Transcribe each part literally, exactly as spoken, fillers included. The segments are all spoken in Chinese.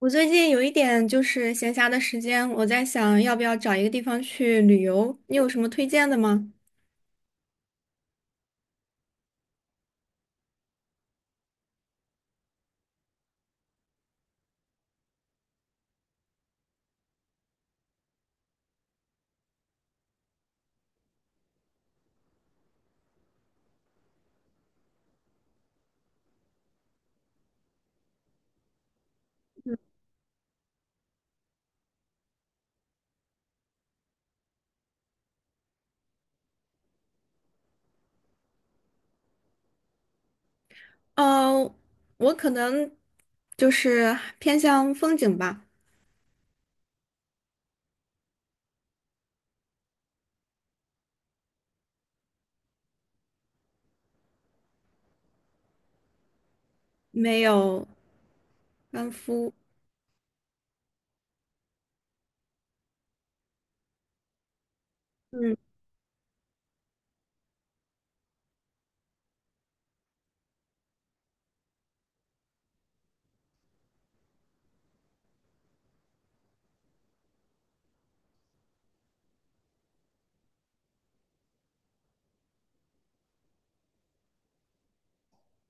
我最近有一点就是闲暇的时间，我在想要不要找一个地方去旅游，你有什么推荐的吗？呃，我可能就是偏向风景吧。没有班夫。嗯，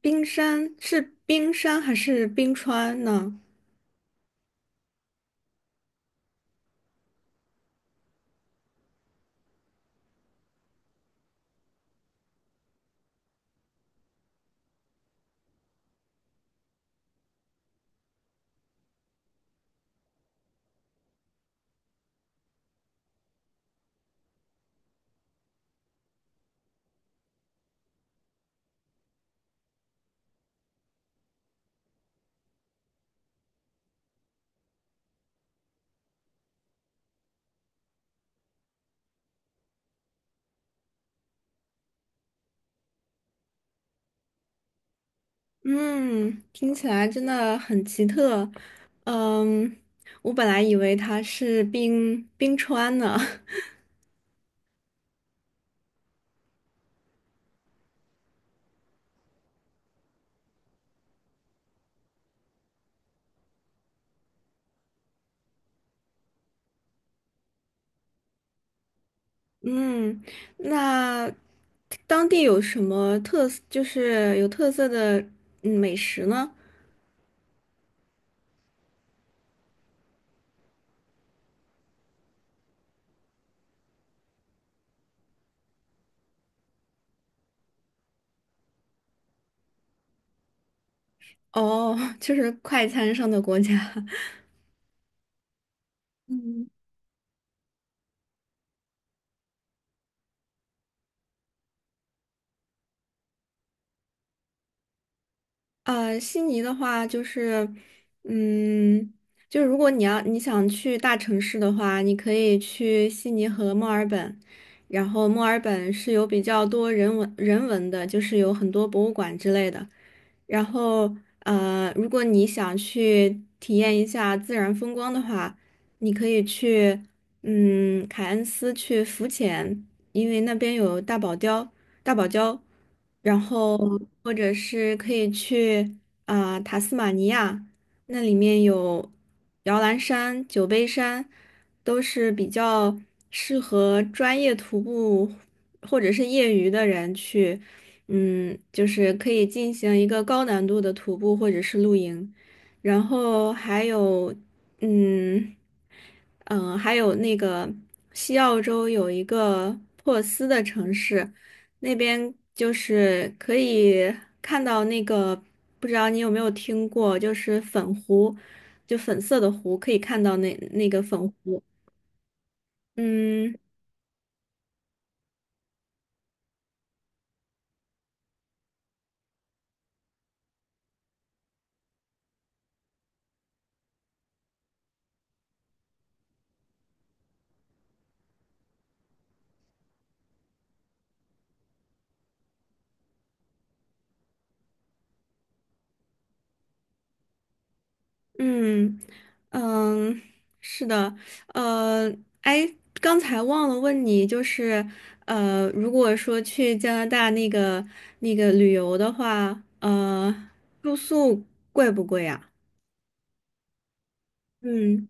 冰山是冰山还是冰川呢？嗯，听起来真的很奇特。嗯，我本来以为它是冰冰川呢。嗯，那当地有什么特色，就是有特色的嗯美食呢？哦，就是快餐上的国家。嗯。呃，悉尼的话就是，嗯，就是如果你要你想去大城市的话，你可以去悉尼和墨尔本，然后墨尔本是有比较多人文人文的，就是有很多博物馆之类的。然后，呃，如果你想去体验一下自然风光的话，你可以去，嗯，凯恩斯去浮潜，因为那边有大堡礁，大堡礁，然后或者是可以去啊、呃塔斯马尼亚，那里面有摇篮山、酒杯山，都是比较适合专业徒步或者是业余的人去。嗯，就是可以进行一个高难度的徒步或者是露营。然后还有，嗯嗯，呃还有那个西澳洲有一个珀斯的城市，那边就是可以看到那个，不知道你有没有听过，就是粉湖，就粉色的湖，可以看到那那个粉湖。嗯。嗯嗯，是的。呃，哎，刚才忘了问你，就是呃，如果说去加拿大那个那个旅游的话，呃，住宿贵不贵啊？嗯。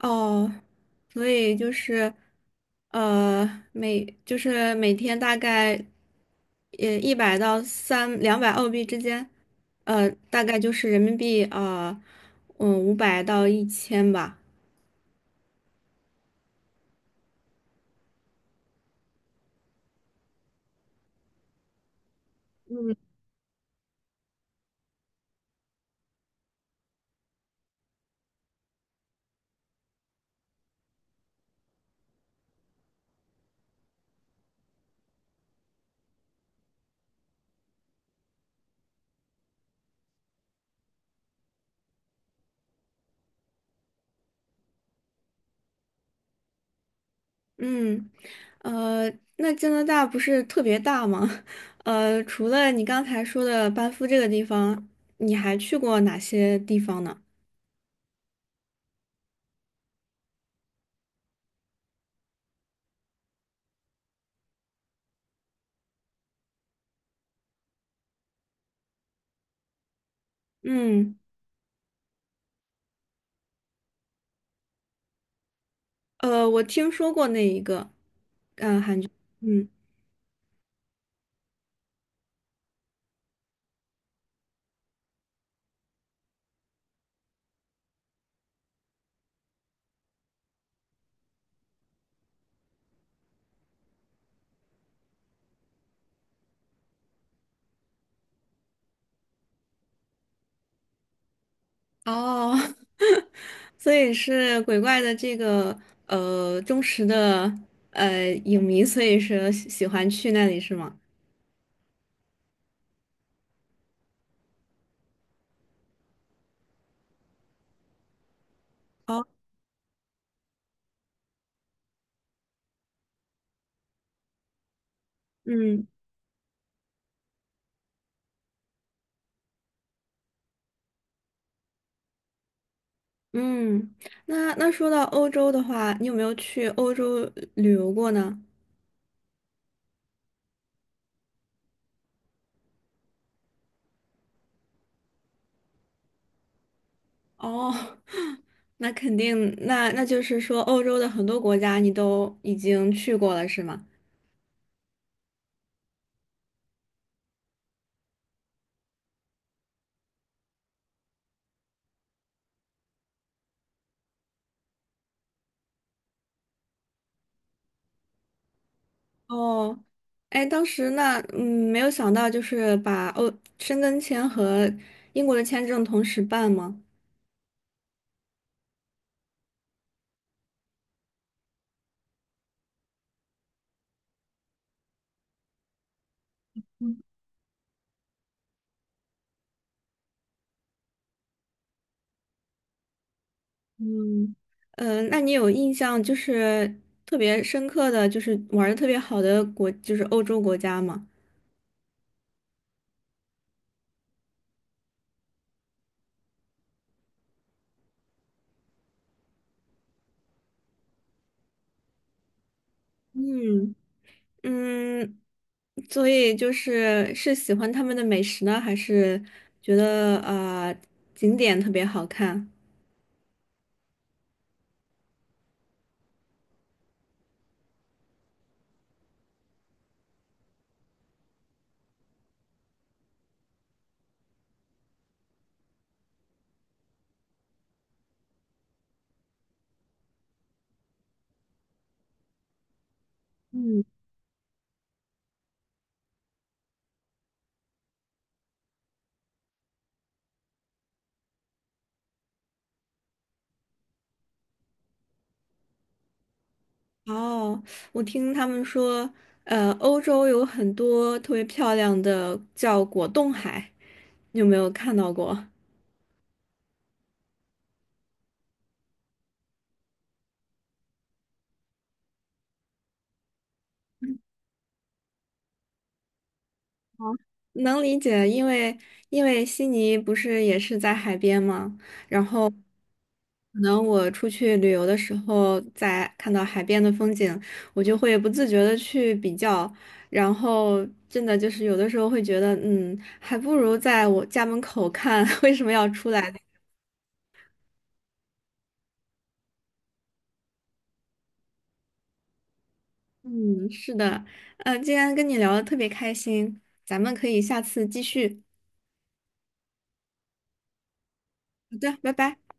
哦，所以就是，呃，每就是每天大概，呃，一百到三两百澳币之间，呃，大概就是人民币啊，呃嗯，五百到一千吧。嗯。呃，那加拿大不是特别大吗？呃，除了你刚才说的班夫这个地方，你还去过哪些地方呢？嗯。呃，我听说过那一个。嗯。哦，所以是鬼怪的这个呃忠实的呃影迷，所以是喜喜欢去那里是吗？哦。嗯嗯，那那说到欧洲的话，你有没有去欧洲旅游过呢？哦，那肯定，那那就是说，欧洲的很多国家你都已经去过了，是吗？哦，哎，当时那嗯，没有想到就是把欧申根签和英国的签证同时办吗？嗯。呃，那你有印象就是特别深刻的就是玩的特别好的国，就是欧洲国家吗？嗯。嗯，所以就是是喜欢他们的美食呢，还是觉得呃景点特别好看？嗯。哦，我听他们说，呃，欧洲有很多特别漂亮的叫果冻海，你有没有看到过？能理解，因为因为悉尼不是也是在海边吗？然后可能我出去旅游的时候，在看到海边的风景，我就会不自觉的去比较，然后真的就是有的时候会觉得，嗯，还不如在我家门口看，为什么要出来。嗯，是的。呃，今天跟你聊的特别开心，咱们可以下次继续。好的，拜拜。